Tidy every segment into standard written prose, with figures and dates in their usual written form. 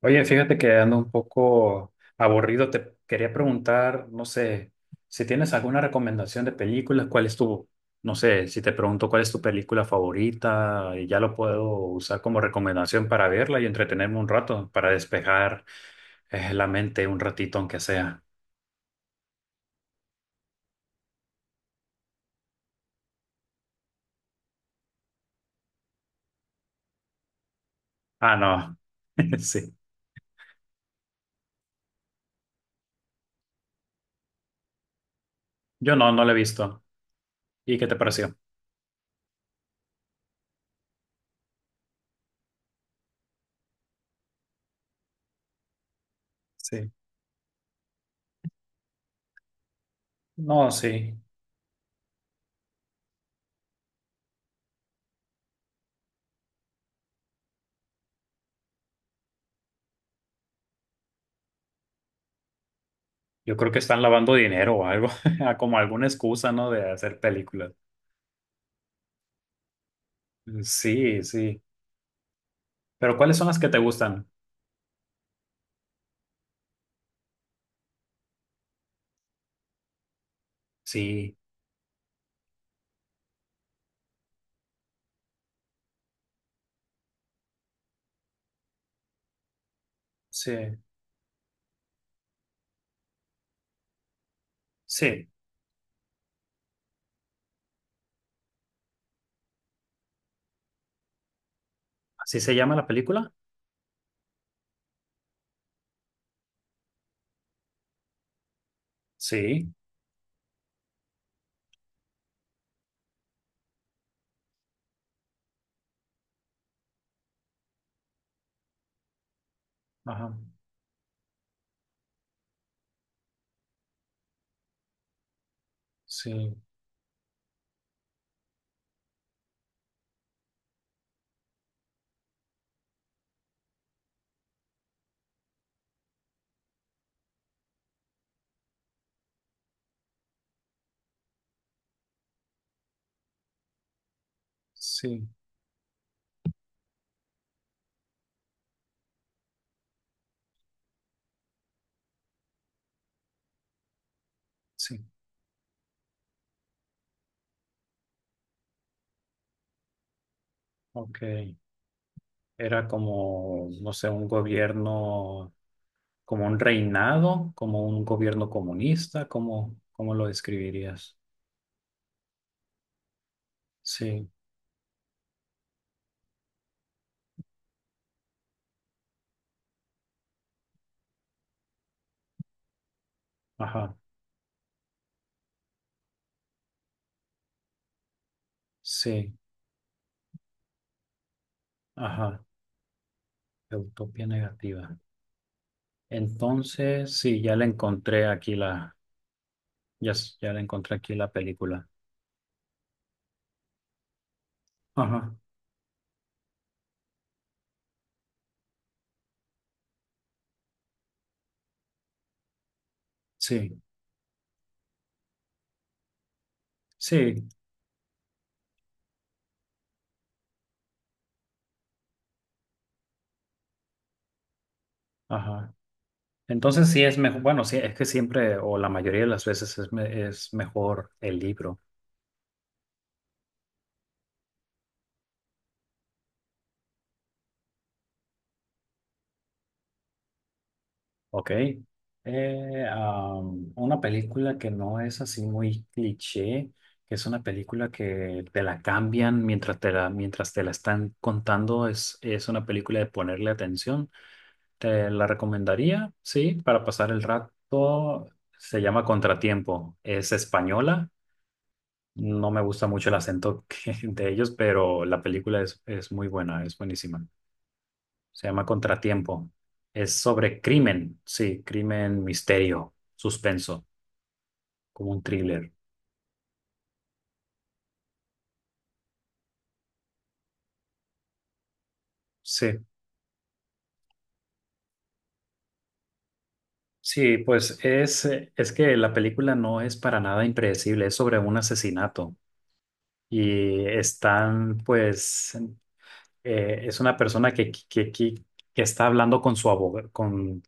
Oye, fíjate que ando un poco aburrido. Te quería preguntar, no sé, si tienes alguna recomendación de películas, ¿cuál es tu, no sé, si te pregunto cuál es tu película favorita, y ya lo puedo usar como recomendación para verla y entretenerme un rato, para despejar la mente un ratito, aunque sea. Ah, no. Sí. Yo no, la he visto. ¿Y qué te pareció? Sí. No, sí. Yo creo que están lavando dinero o algo, como alguna excusa, ¿no? De hacer películas. Sí, sí. Pero ¿cuáles son las que te gustan? Sí, sí, sí. ¿Así se llama la película? Sí, ajá, sí, sí, sí. Ok. Era como, no sé, un gobierno, como un reinado, como un gobierno comunista, ¿cómo lo describirías? Sí, ajá, sí, ajá. Utopía negativa. Entonces, sí, ya le encontré aquí la, ya, ya le encontré aquí la película. Ajá, sí. Sí, ajá. Entonces sí es mejor, bueno, sí, es que siempre o la mayoría de las veces es, es mejor el libro. ¿Ok? Una película que no es así muy cliché, que es una película que te la cambian mientras te la están contando, es una película de ponerle atención. Te la recomendaría, sí, para pasar el rato. Se llama Contratiempo, es española. No me gusta mucho el acento de ellos, pero la película es muy buena, es buenísima. Se llama Contratiempo. Es sobre crimen, sí, crimen, misterio, suspenso, como un thriller. Sí, sí, pues es que la película no es para nada impredecible, es sobre un asesinato y están, es una persona que está hablando con su abogado, con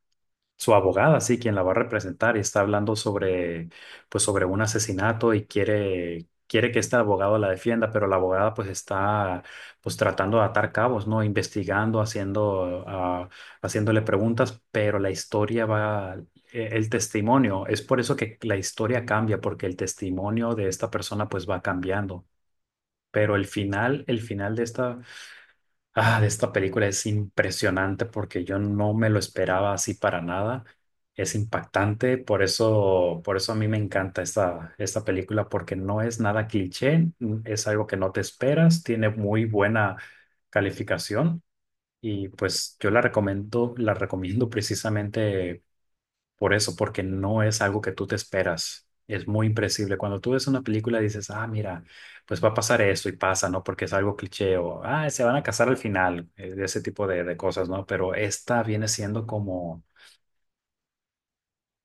su abogada, sí, quien la va a representar y está hablando sobre, pues, sobre un asesinato y quiere, quiere que este abogado la defienda, pero la abogada, pues, está, pues, tratando de atar cabos, ¿no? Investigando, haciéndole preguntas, pero la historia va, el testimonio, es por eso que la historia cambia, porque el testimonio de esta persona, pues, va cambiando. Pero el final de esta, ah, de esta película es impresionante porque yo no me lo esperaba así para nada. Es impactante, por eso a mí me encanta esta película porque no es nada cliché, es algo que no te esperas, tiene muy buena calificación y pues yo la recomiendo precisamente por eso, porque no es algo que tú te esperas. Es muy impredecible. Cuando tú ves una película dices, ah, mira, pues va a pasar esto y pasa, ¿no? Porque es algo cliché o, ah, se van a casar al final, de ese tipo de cosas, ¿no? Pero esta viene siendo como,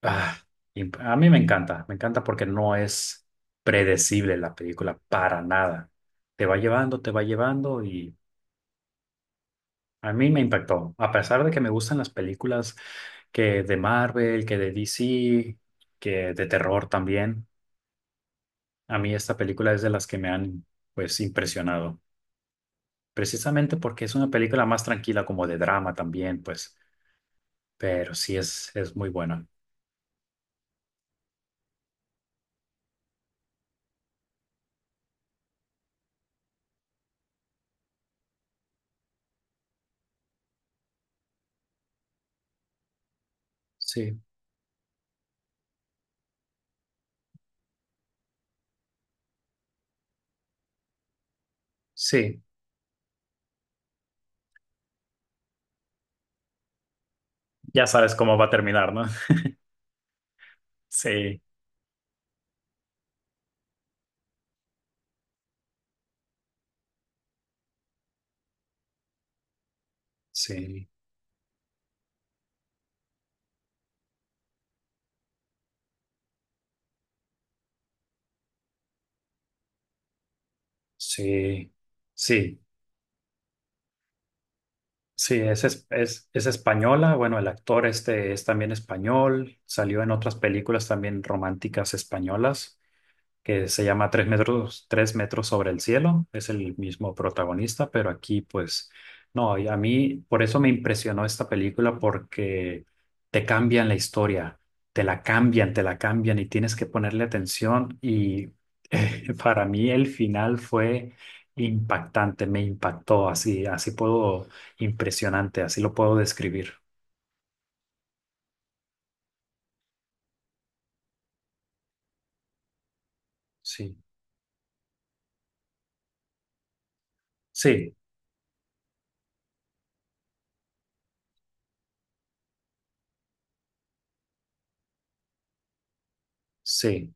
ah, a mí me encanta porque no es predecible la película para nada. Te va llevando y a mí me impactó. A pesar de que me gustan las películas que de Marvel, que de DC, que de terror también. A mí esta película es de las que me han, pues, impresionado. Precisamente porque es una película más tranquila, como de drama también, pues. Pero sí es muy buena. Sí, sí. Ya sabes cómo va a terminar, ¿no? Sí, sí, sí, sí. Sí, es española. Bueno, el actor este es también español. Salió en otras películas también románticas españolas. Que se llama Tres metros sobre el cielo. Es el mismo protagonista, pero aquí pues no, y a mí por eso me impresionó esta película porque te cambian la historia, te la cambian y tienes que ponerle atención y para mí el final fue impactante, me impactó, así, así puedo, impresionante, así lo puedo describir. Sí, sí, sí.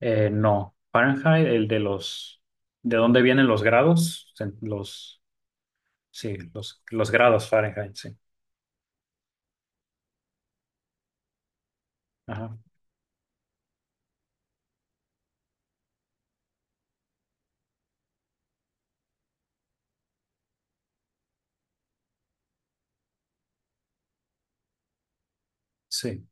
No, Fahrenheit, el de los, de dónde vienen los grados, los, sí, los grados Fahrenheit, sí. Ajá, sí.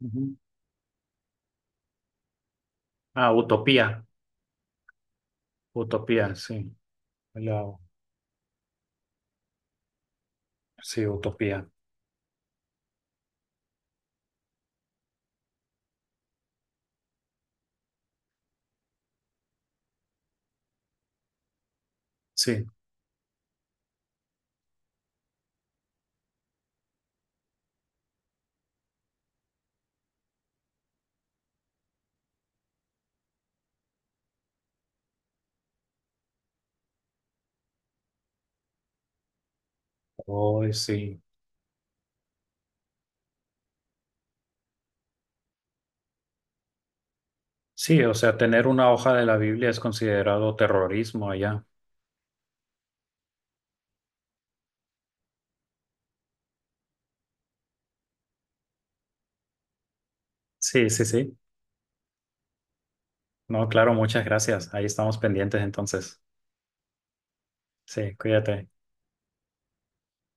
Ujú. Ah, Utopía, Utopía, sí. La- sí, Utopía, sí. Oh, sí. Sí, o sea, tener una hoja de la Biblia es considerado terrorismo allá. Sí, sí, sí. No, claro, muchas gracias. Ahí estamos pendientes entonces. Sí, cuídate.